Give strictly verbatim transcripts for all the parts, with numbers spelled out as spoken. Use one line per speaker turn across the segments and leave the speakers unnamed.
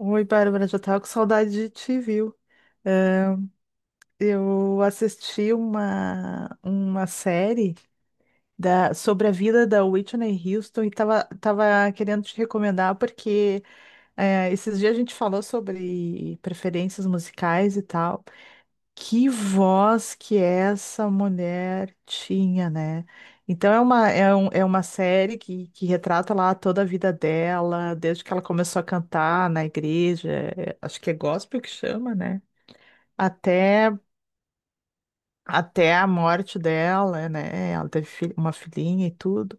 Oi, Bárbara, já tava com saudade de te, viu? É, Eu assisti uma, uma série da, sobre a vida da Whitney Houston e tava, tava querendo te recomendar porque é, esses dias a gente falou sobre preferências musicais e tal. Que voz que essa mulher tinha, né? Então é uma, é um, é uma série que, que retrata lá toda a vida dela, desde que ela começou a cantar na igreja, é, acho que é gospel que chama, né? Até, até a morte dela, né? Ela teve fi- uma filhinha e tudo.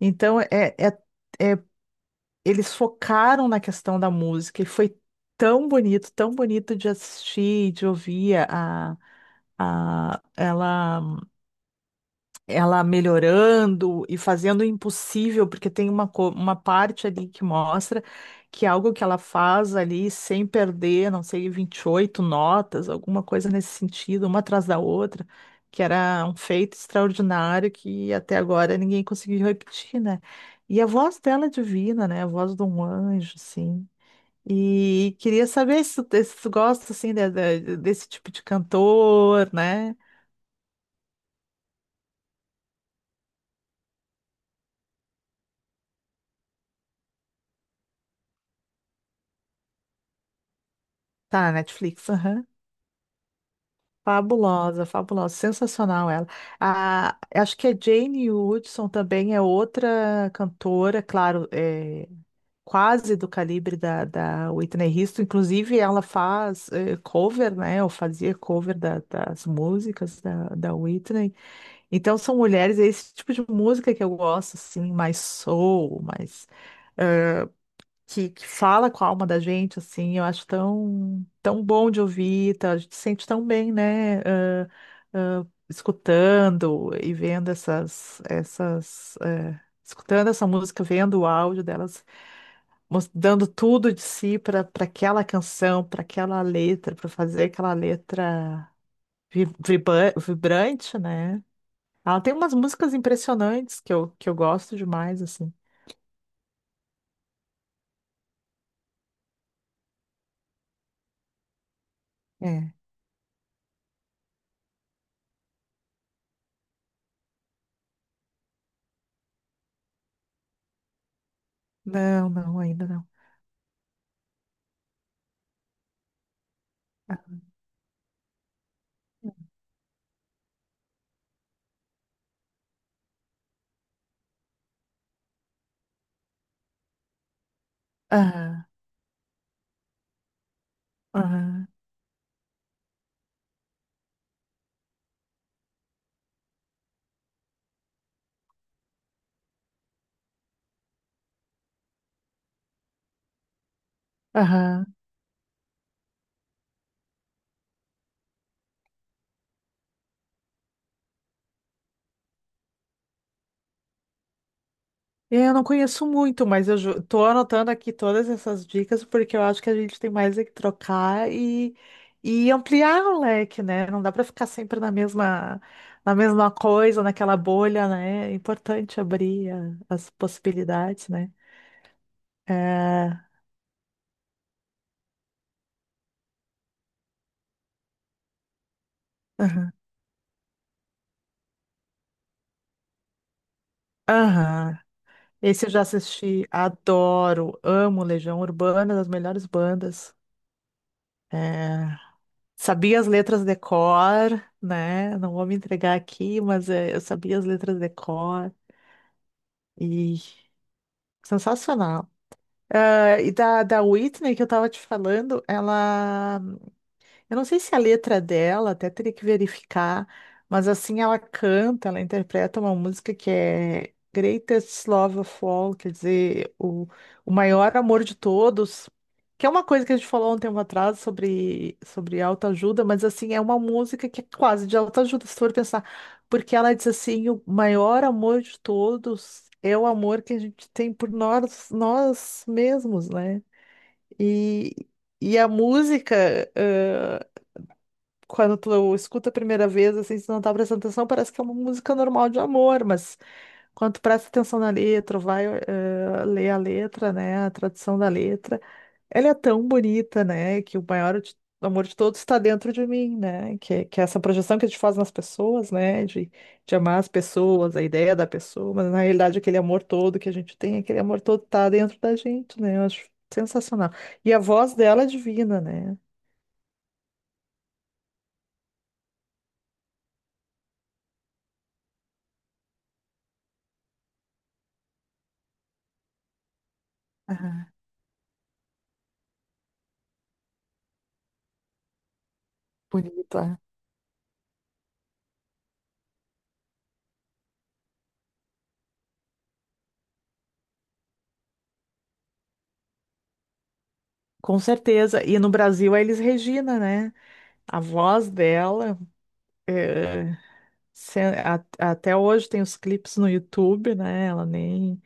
Então, é, é, é- eles focaram na questão da música e foi tão bonito, tão bonito de assistir, de ouvir a, a ela. Ela melhorando e fazendo o impossível, porque tem uma, co- uma parte ali que mostra que é algo que ela faz ali sem perder, não sei, vinte e oito notas, alguma coisa nesse sentido, uma atrás da outra, que era um feito extraordinário que até agora ninguém conseguiu repetir, né? E a voz dela é divina, né? A voz de um anjo, assim. E queria saber se tu, se tu gosta, assim, de- de- desse tipo de cantor, né? Tá, Netflix. Fabulosa, fabulosa, sensacional ela. A, acho que a Jane Hudson também é outra cantora, claro, é, quase do calibre da, da Whitney Houston. Inclusive, ela faz eh, cover, né? Ou fazia cover da- das músicas da, da Whitney. Então, são mulheres, é esse tipo de música que eu gosto, assim, mais soul, mais que, que fala com a alma da gente, assim, eu acho tão, tão bom de ouvir, tá? A gente se sente tão bem, né? ah, ah, escutando e vendo essas, essas, eh, escutando essa música, vendo o áudio delas, mos- dando tudo de si para para aquela canção, para aquela letra, para fazer aquela letra vi- vibra- vibrante, né? Ela tem umas músicas impressionantes que eu, que eu gosto demais, assim. É. Não, não, ainda não. Ah, ah. Aham. É, Eu não conheço muito, mas eu ju- tô anotando aqui todas essas dicas porque eu acho que a gente tem mais é que trocar e, e ampliar o leque, né? Não dá para ficar sempre na mesma, na mesma coisa, naquela bolha, né? É importante abrir a- as possibilidades, né? É. Aham. Aham. Esse eu já assisti, adoro, amo Legião Urbana, das melhores bandas. É. Sabia as letras de cor, né? Não vou me entregar aqui, mas eh, eu sabia as letras de cor e sensacional. Ah, e da, da Whitney que eu tava te falando, ela eu não sei se a letra dela, até teria que verificar, mas assim ela canta, ela interpreta uma música que é Greatest Love of All, quer dizer, o, o maior amor de todos, que é uma coisa que a gente falou há um tempo atrás sobre, sobre autoajuda, mas assim, é uma música que é quase de autoajuda, se for pensar, porque ela diz assim, o maior amor de todos é o amor que a gente tem por nós, nós mesmos, né? E, e a música quando tu escuta a primeira vez, assim, se tu não tá prestando atenção, parece que é uma música normal de amor, mas quando tu presta atenção na letra, vai eh, ler a letra, né, a tradução da letra, ela é tão bonita, né, que o maior de- amor de todos está dentro de mim, né, que, que é essa projeção que a gente faz nas pessoas, né, de, de amar as pessoas, a ideia da pessoa, mas na realidade aquele amor todo que a gente tem, aquele amor todo tá dentro da gente, né, eu acho sensacional. E a voz dela é divina, né. Ah, bonito. Com certeza. E no Brasil é Elis Regina, né? A voz dela, é, se- a- até hoje tem os clipes no YouTube, né? Ela nem,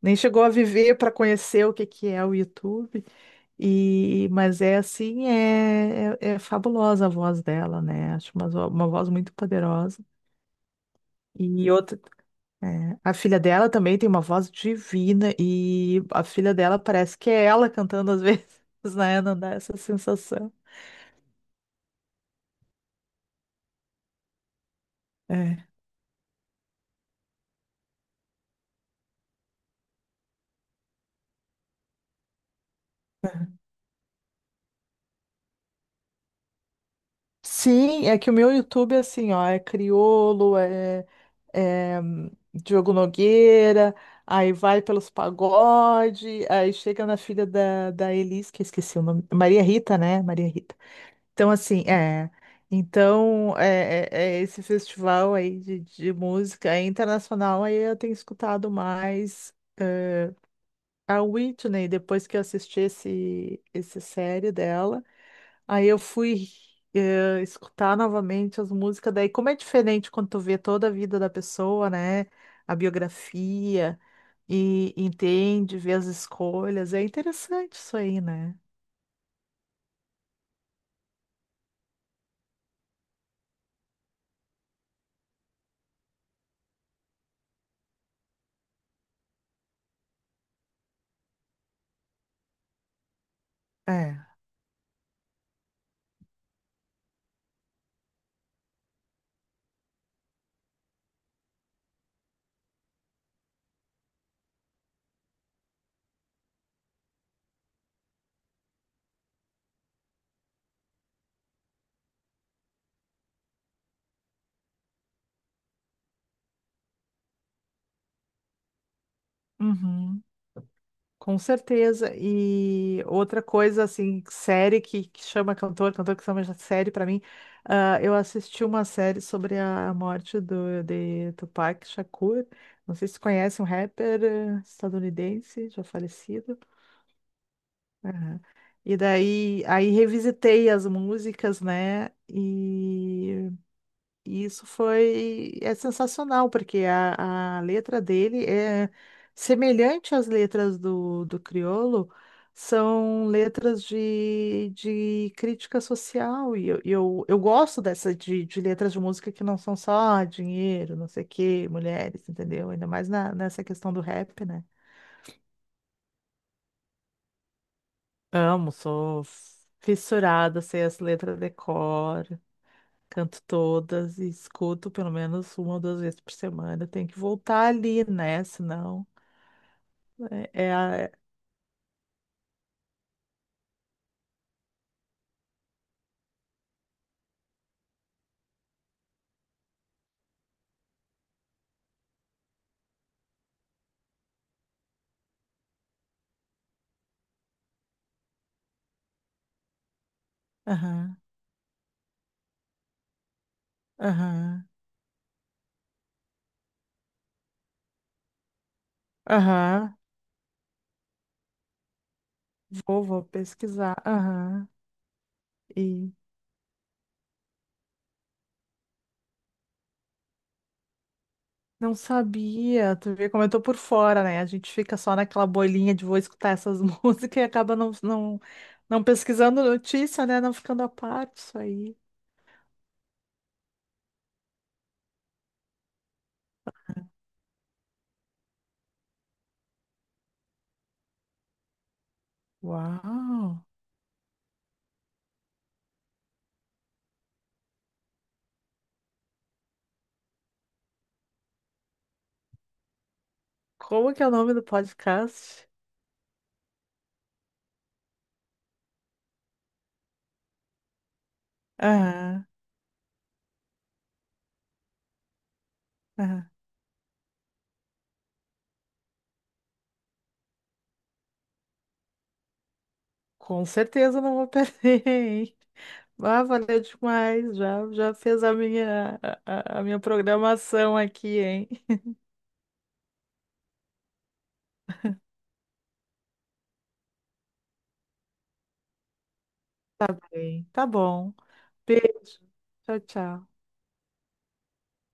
nem chegou a viver para conhecer o que que é o YouTube. E, mas é assim, é, é, é fabulosa a voz dela, né? Acho uma, zo- uma voz muito poderosa. E outra, é, a filha dela também tem uma voz divina e a filha dela parece que é ela cantando às vezes, né? Não dá essa sensação. É. Sim, é que o meu YouTube, é assim, ó, é Criolo, é, é hum, Diogo Nogueira, aí vai pelos pagode, aí chega na filha da, da Elis, que eu esqueci o nome, Maria Rita, né? Maria Rita. Então, assim, é. Então, é, é- é esse festival aí de, de música é internacional, aí eu tenho escutado mais eh, a Whitney, depois que eu assisti esse, esse série dela. Aí eu fui eh, escutar novamente as músicas. Daí, como é diferente quando tu vê toda a vida da pessoa, né? A biografia e entende, vê as escolhas. É interessante isso aí, né? É. Uhum. Com certeza. E outra coisa, assim, série que, que chama cantor, cantor que chama série pra mim, ah, eu assisti uma série sobre a morte do, de Tupac Shakur. Não sei se você conhece um rapper eh, estadunidense, já falecido. Aham. E daí, aí revisitei as músicas, né? e e isso foi é sensacional, porque a, a letra dele é semelhante às letras do, do Criolo, são letras de, de crítica social, e eu, e eu, eu gosto dessa de, de letras de música que não são só dinheiro, não sei o quê, mulheres, entendeu? Ainda mais na, nessa questão do rap, né? Amo, sou fissurada, sei as letras de cor. Canto todas e escuto pelo menos uma ou duas vezes por semana. Tem que voltar ali, né? Senão é, é a. é- Aham, aham, aham. Vou, vou pesquisar. Aham. E não sabia. Tu vê como eu tô por fora, né? A gente fica só naquela bolinha de vou escutar essas músicas e acaba não, não, não pesquisando notícia, né? Não ficando a par disso aí. Uau! Como que é o nome do podcast? Aham, aham. Com certeza não vou perder, hein? Ah, valeu demais. Já, já fez a minha, a, a- a minha programação aqui, hein? Tá bem. Tá bom. Beijo. Tchau, tchau.